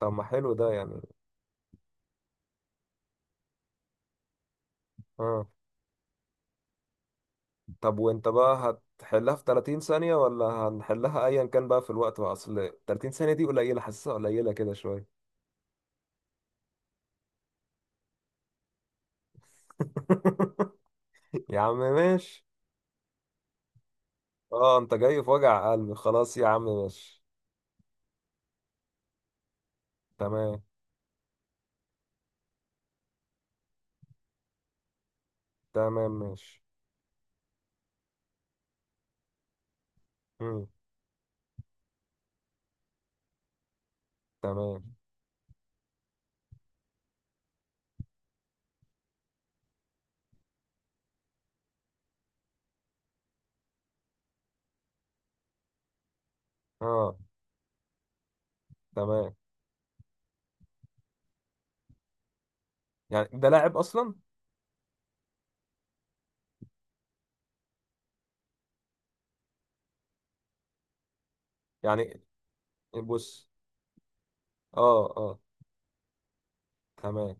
طب ما حلو ده يعني. اه، طب وانت بقى هتحلها في 30 ثانية ولا هنحلها ايا كان بقى في الوقت بقى؟ اصل 30 ثانية دي قليلة، حاسسها قليلة كده شوية. يا عم ماشي. اه، انت جاي في وجع قلبي؟ خلاص يا عم ماشي. تمام. تمام ماشي. مم. تمام. اه تمام، يعني ده لاعب اصلا؟ يعني بص. اه تمام.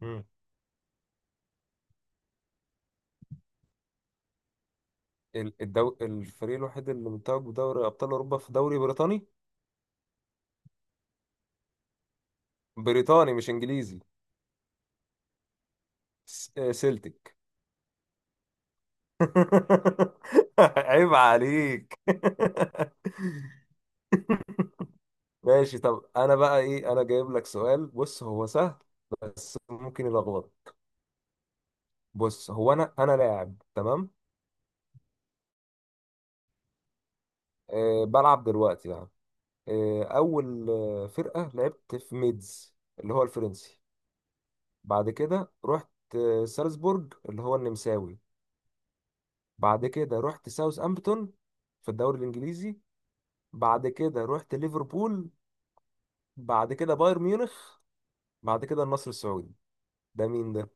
مم. الفريق الوحيد اللي متوج بدوري ابطال اوروبا في دوري بريطاني. بريطاني مش انجليزي. سلتك. عيب عليك. ماشي. طب انا بقى ايه؟ انا جايب لك سؤال، بص هو سهل بس ممكن يلخبطك. بص هو انا لاعب، تمام؟ بلعب دلوقتي يعني. اول فرقة لعبت في ميدز، اللي هو الفرنسي. بعد كده رحت سالزبورج، اللي هو النمساوي. بعد كده رحت ساوث امبتون في الدوري الانجليزي. بعد كده رحت ليفربول. بعد كده بايرن ميونخ. بعد كده النصر السعودي. ده مين ده؟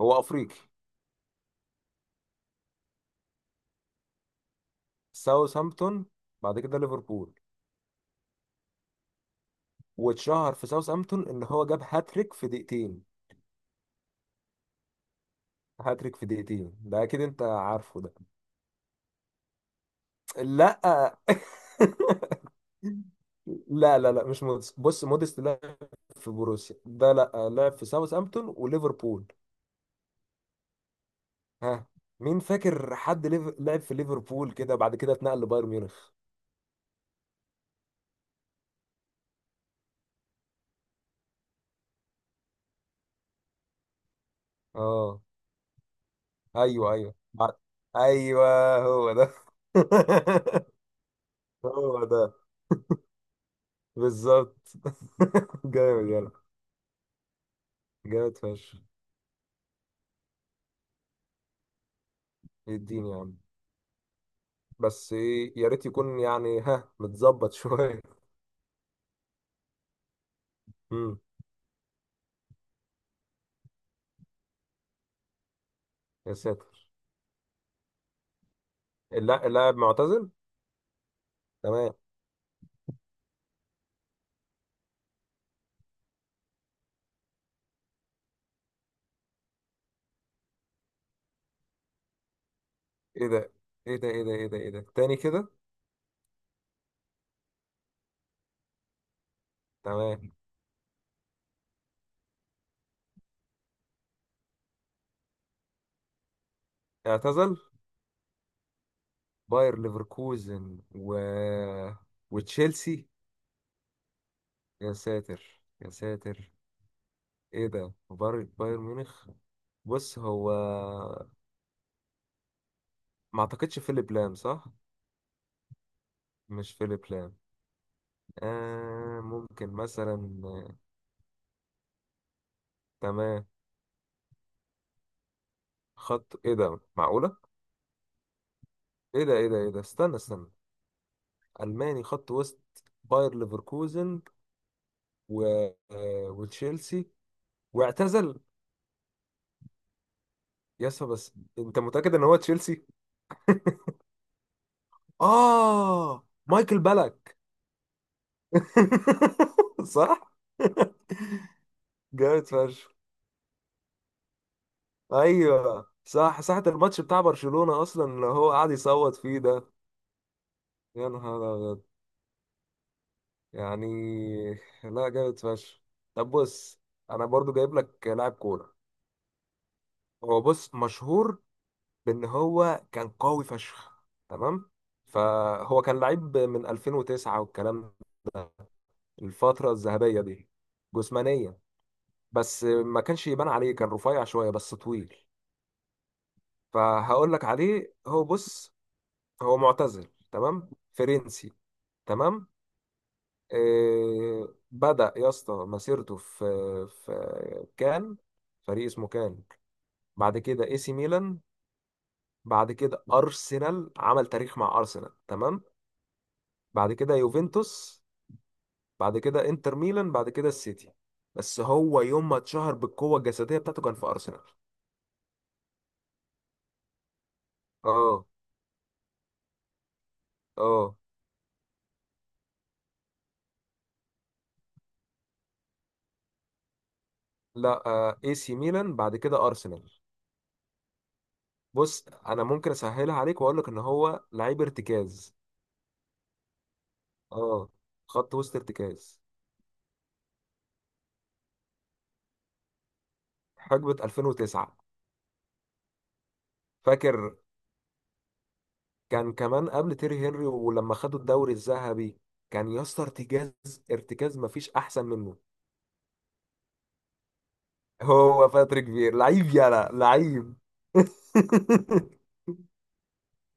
هو افريقي. ساوثهامبتون بعد كده ليفربول. واتشهر في ساوثهامبتون ان هو جاب هاتريك في دقيقتين. هاتريك في دقيقتين، ده اكيد انت عارفه ده. لا. لا لا لا، مش موديست. بص موديست لعب في بوروسيا ده، لا لعب في ساوثهامبتون وليفربول. ها. مين فاكر حد لعب في ليفربول كده، بعد كده اتنقل لبايرن ميونخ؟ اه. ايوه ايوه ايوه هو ده. هو ده بالظبط. جامد، يلا. جامد فشخ. يديني يا عم. بس ايه، يا ريت يكون يعني ها متظبط شويه. امم يا ساتر. اللاعب معتزل، تمام؟ ايه ده؟ ايه ده ايه ده ايه ده ايه ده تاني كده؟ تمام. اعتزل. باير ليفركوزن و وتشيلسي. يا ساتر يا ساتر. ايه ده؟ بايرن ميونخ. بص هو، ما اعتقدش فيليب لام صح؟ مش فيليب لام. آه، ممكن مثلا تمام. خط ايه ده؟ معقولة؟ ايه ده ايه ده ايه ده، استنى استنى. ألماني خط وسط، باير ليفركوزن و... آه، وتشيلسي. واعتزل. يس بس. انت متأكد ان هو تشيلسي؟ اه، مايكل بالك. صح. جامد فشخ. ايوه صح، ساعة الماتش بتاع برشلونة اصلا اللي هو قاعد يصوت فيه ده. يا نهار أبيض. يعني، لا جامد فشخ. طب بص، انا برضو جايب لك لاعب كوره. هو بص مشهور بان هو كان قوي فشخ، تمام؟ فهو كان لعيب من 2009 والكلام. ده الفتره الذهبيه دي جسمانيا، بس ما كانش يبان عليه، كان رفيع شويه بس طويل. فهقول لك عليه. هو بص، هو معتزل، تمام؟ فرنسي، تمام؟ إيه، بدأ يا اسطى مسيرته في كان، فريق اسمه كان. بعد كده اي سي ميلان. بعد كده ارسنال، عمل تاريخ مع ارسنال، تمام؟ بعد كده يوفنتوس. بعد كده انتر ميلان، بعد كده السيتي. بس هو يوم ما اتشهر بالقوة الجسدية بتاعته كان في ارسنال. اه اه لا، اي سي ميلان بعد كده ارسنال. بص انا ممكن اسهلها عليك واقول لك ان هو لعيب ارتكاز. اه، خط وسط ارتكاز. حقبة 2009. فاكر كان كمان قبل تيري هنري ولما خدوا الدوري الذهبي. كان يا اسطى ارتكاز، ارتكاز مفيش احسن منه. هو باتريك فير لعيب، يلا لعيب.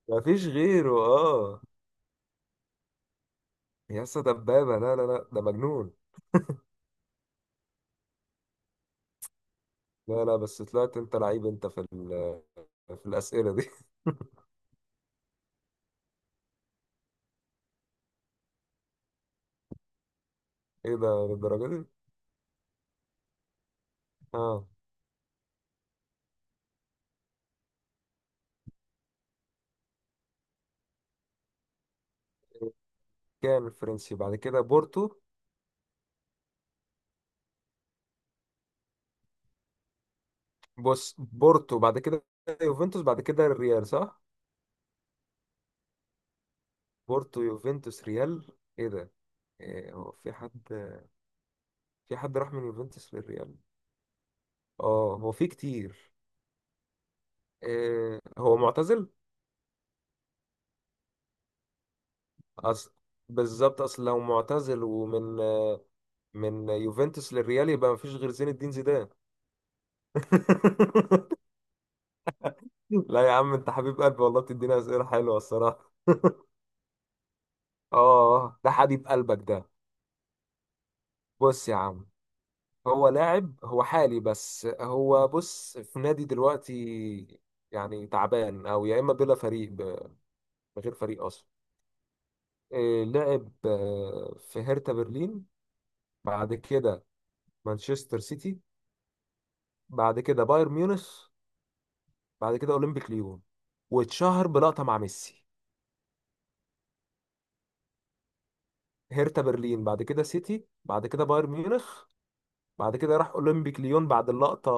مفيش غيره اه. يا اسطى دبابه، لا لا لا ده مجنون. لا لا، بس طلعت انت لعيب انت في في الاسئله دي. ايه ده للدرجه دي؟ اه، كان الفرنسي بعد كده بورتو. بص بورتو بعد كده يوفنتوس بعد كده الريال، صح؟ بورتو يوفنتوس ريال. ايه ده؟ هو في حد، في حد راح من يوفنتوس للريال؟ اه هو في كتير. هو معتزل. اصل، بالظبط، اصل لو معتزل ومن يوفنتوس للريال، يبقى مفيش غير زين الدين زيدان. لا يا عم انت حبيب قلبي والله، بتدينا اسئله حلوه الصراحه. اه ده حبيب قلبك ده. بص يا عم، هو لاعب، هو حالي بس هو بص في نادي دلوقتي يعني تعبان، او يا اما بلا فريق من غير فريق اصلا. لعب في هرتا برلين. بعد كده مانشستر سيتي. بعد كده بايرن ميونخ. بعد كده اولمبيك ليون. واتشهر بلقطة مع ميسي. هرتا برلين بعد كده سيتي بعد كده بايرن ميونخ، بعد كده راح اولمبيك ليون بعد اللقطة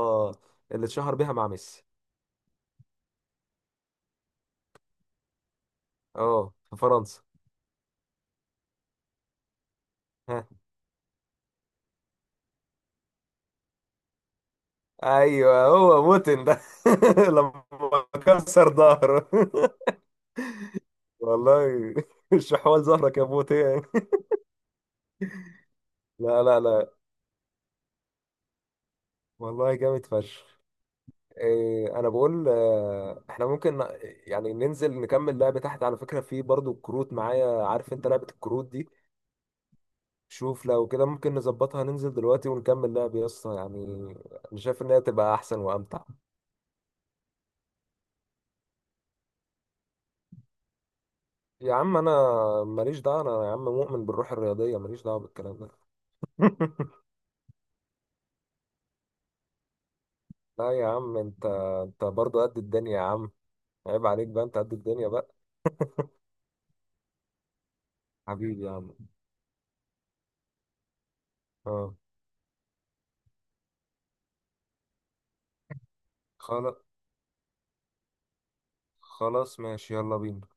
اللي اتشهر بيها مع ميسي. اه في فرنسا. ها. ايوه هو موتن ده. لما كسر ظهره. والله. الشحوال ظهرك يا موتين. لا لا لا، والله جامد فشخ. إيه، انا بقول احنا ممكن يعني ننزل نكمل لعبة تحت، على فكرة في برضو الكروت معايا، عارف انت لعبة الكروت دي. شوف لو كده ممكن نظبطها، ننزل دلوقتي ونكمل لعب يا اسطى يعني. انا شايف ان هي تبقى احسن وامتع. يا عم انا، ماليش دعوة، انا يا عم مؤمن بالروح الرياضية، ماليش دعوة بالكلام ده. لا يا عم انت، انت برضو قد الدنيا يا عم. عيب عليك بقى، انت قد الدنيا بقى. حبيبي يا عم. اه خلاص. خلاص ماشي، يلا بينا.